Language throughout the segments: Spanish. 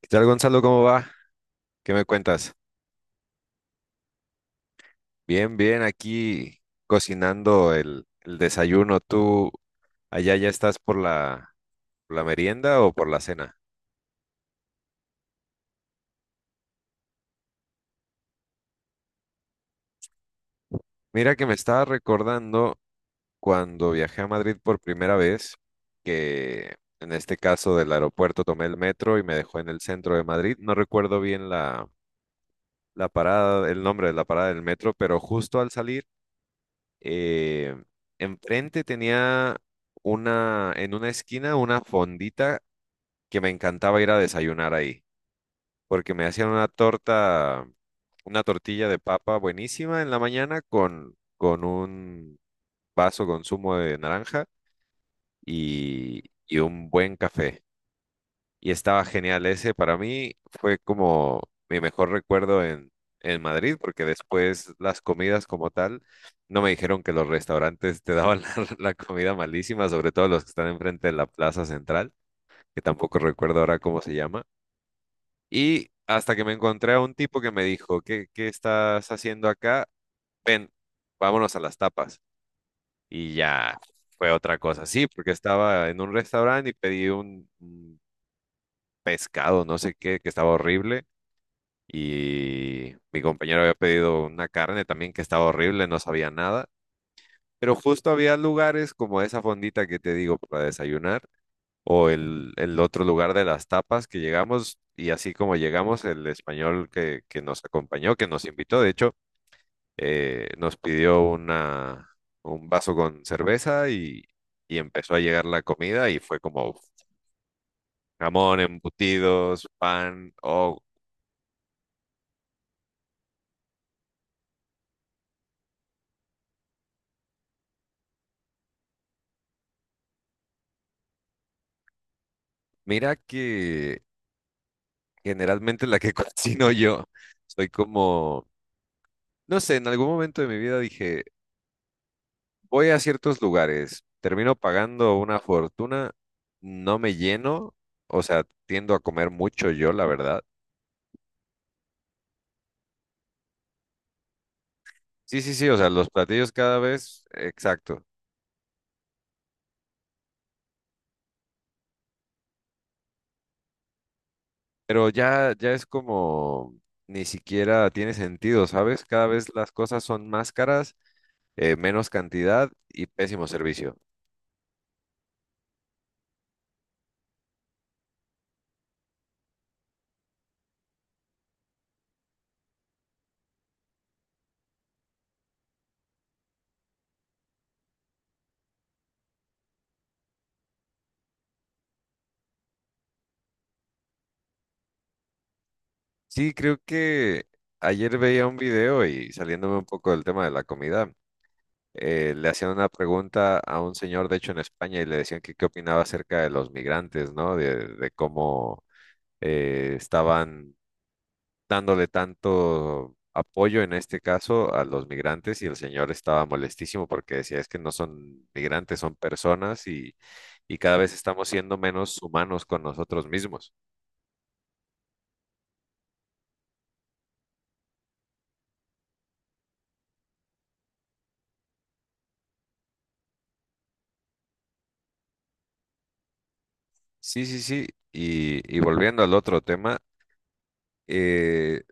¿Qué tal, Gonzalo? ¿Cómo va? ¿Qué me cuentas? Bien, bien, aquí cocinando el desayuno. ¿Tú allá ya estás por por la merienda o por la cena? Mira que me estaba recordando cuando viajé a Madrid por primera vez, que en este caso del aeropuerto tomé el metro y me dejó en el centro de Madrid. No recuerdo bien la parada, el nombre de la parada del metro, pero justo al salir eh, enfrente tenía una, en una esquina, una fondita que me encantaba ir a desayunar ahí, porque me hacían una torta, una tortilla de papa buenísima en la mañana con un vaso con zumo de naranja y un buen café. Y estaba genial. Ese para mí fue como mi mejor recuerdo en Madrid, porque después las comidas como tal, no me dijeron que los restaurantes te daban la comida malísima, sobre todo los que están enfrente de la plaza central, que tampoco recuerdo ahora cómo se llama. Y hasta que me encontré a un tipo que me dijo, ¿qué, qué estás haciendo acá? Ven, vámonos a las tapas. Y ya fue otra cosa, sí, porque estaba en un restaurante y pedí un pescado, no sé qué, que estaba horrible y mi compañero había pedido una carne también que estaba horrible, no sabía nada, pero justo había lugares como esa fondita que te digo para desayunar o el otro lugar de las tapas que llegamos y así como llegamos, el español que nos acompañó, que nos invitó, de hecho, nos pidió una, un vaso con cerveza y empezó a llegar la comida y fue como... Uf, jamón, embutidos, pan, oh. Mira que generalmente la que cocino yo. Soy como, no sé, en algún momento de mi vida dije, voy a ciertos lugares, termino pagando una fortuna, no me lleno, o sea, tiendo a comer mucho yo, la verdad. Sí, sí, sí, o sea, los platillos cada vez, exacto, pero ya, ya es como, ni siquiera tiene sentido, ¿sabes? Cada vez las cosas son más caras, menos cantidad y pésimo servicio. Sí, creo que ayer veía un video y saliéndome un poco del tema de la comida, le hacían una pregunta a un señor, de hecho en España, y le decían que qué opinaba acerca de los migrantes, ¿no? De cómo estaban dándole tanto apoyo en este caso a los migrantes y el señor estaba molestísimo porque decía es que no son migrantes, son personas y cada vez estamos siendo menos humanos con nosotros mismos. Sí, sí, sí. Y volviendo al otro tema. eh,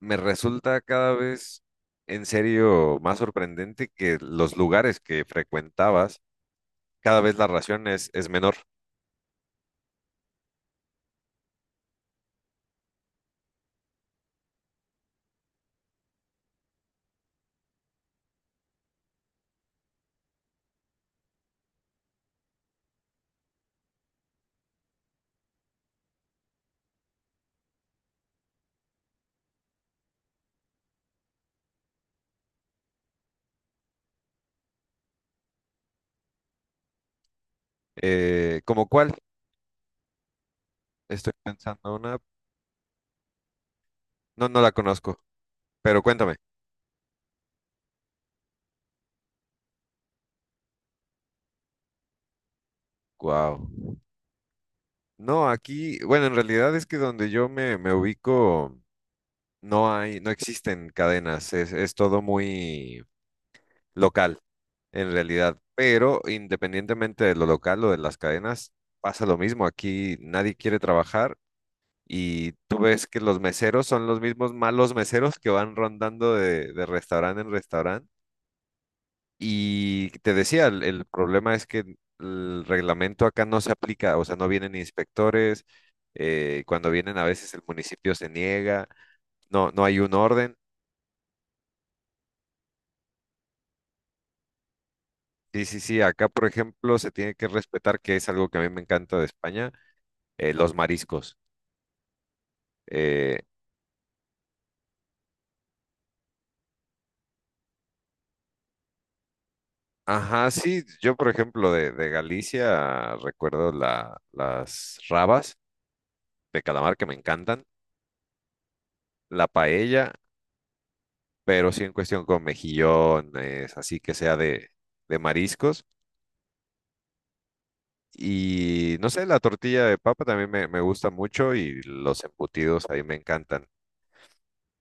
Me resulta cada vez en serio más sorprendente que los lugares que frecuentabas, cada vez la ración es menor. ¿Cómo cuál? Estoy pensando una. No, no la conozco, pero cuéntame. Wow. No, aquí, bueno, en realidad es que donde yo me ubico no hay, no existen cadenas, es todo muy local en realidad, pero independientemente de lo local o de las cadenas, pasa lo mismo, aquí nadie quiere trabajar. Y tú ves que los meseros son los mismos malos meseros que van rondando de restaurante en restaurante. Y te decía, el problema es que el reglamento acá no se aplica, o sea, no vienen inspectores, cuando vienen a veces el municipio se niega, no, no hay un orden. Sí, sí, sí, acá por ejemplo se tiene que respetar, que es algo que a mí me encanta de España, los mariscos. Eh, ajá, sí, yo por ejemplo de Galicia recuerdo la, las rabas de calamar que me encantan, la paella, pero sí en cuestión con mejillones, así que sea de mariscos. Y no sé, la tortilla de papa también me gusta mucho y los embutidos ahí me encantan.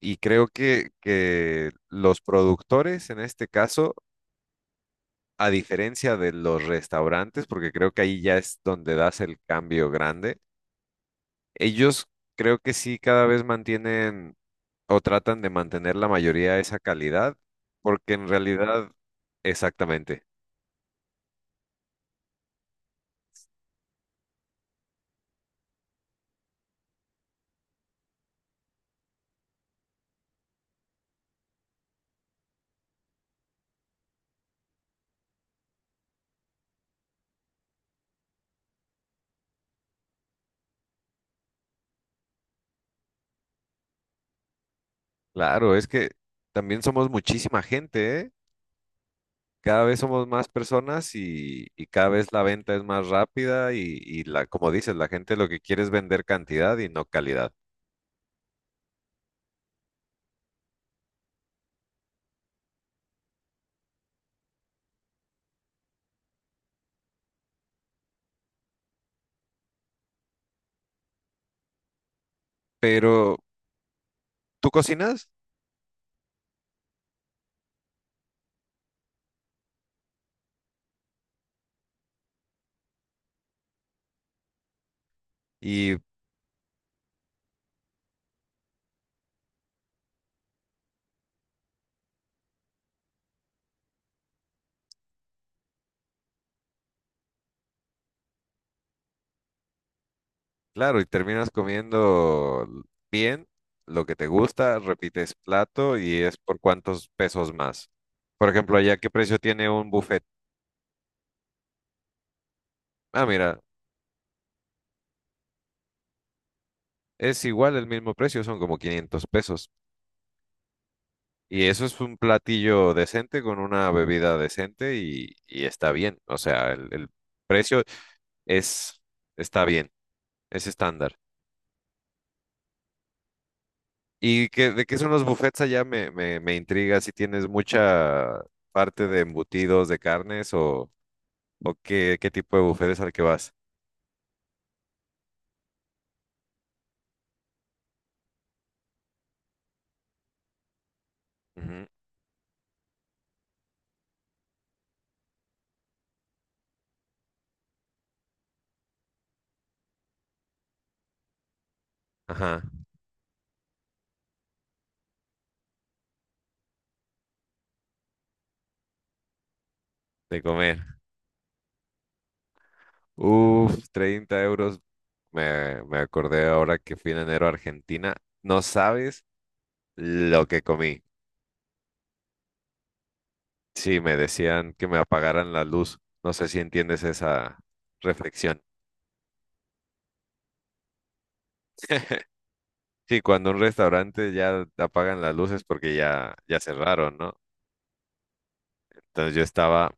Y creo que los productores en este caso, a diferencia de los restaurantes, porque creo que ahí ya es donde das el cambio grande, ellos creo que sí cada vez mantienen o tratan de mantener la mayoría de esa calidad, porque en realidad, exactamente. Claro, es que también somos muchísima gente, ¿eh? Cada vez somos más personas y cada vez la venta es más rápida y la, como dices, la gente lo que quiere es vender cantidad y no calidad. Pero tú cocinas y claro, y terminas comiendo bien lo que te gusta, repites plato y es por cuántos pesos más. Por ejemplo, allá, ¿qué precio tiene un buffet? Ah, mira, es igual el mismo precio, son como 500 pesos. Y eso es un platillo decente con una bebida decente y está bien. O sea, el precio es, está bien, es estándar. ¿Y qué, de qué son los buffets allá? Me intriga si tienes mucha parte de embutidos, de carnes o qué, qué tipo de buffet es al que vas. Ujú. Ajá, de comer. Uf, 30 euros. Me, me acordé ahora que fui en enero a Argentina. No sabes lo que comí. Sí, me decían que me apagaran la luz. No sé si entiendes esa reflexión. Sí, cuando un restaurante ya apagan las luces porque ya, ya cerraron, ¿no? Entonces yo estaba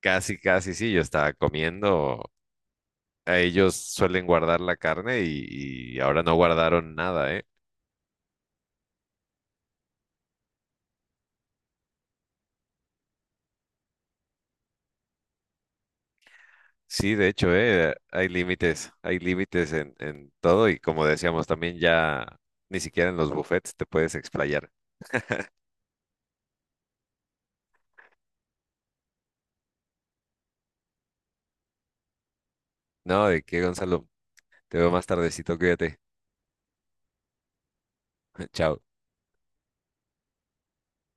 casi, casi, sí, yo estaba comiendo. A ellos suelen guardar la carne y ahora no guardaron nada, ¿eh? Sí, de hecho, ¿eh? Hay límites en todo y como decíamos también ya ni siquiera en los buffets te puedes explayar. No, ¿de qué, Gonzalo? Te veo más tardecito, cuídate. Chao.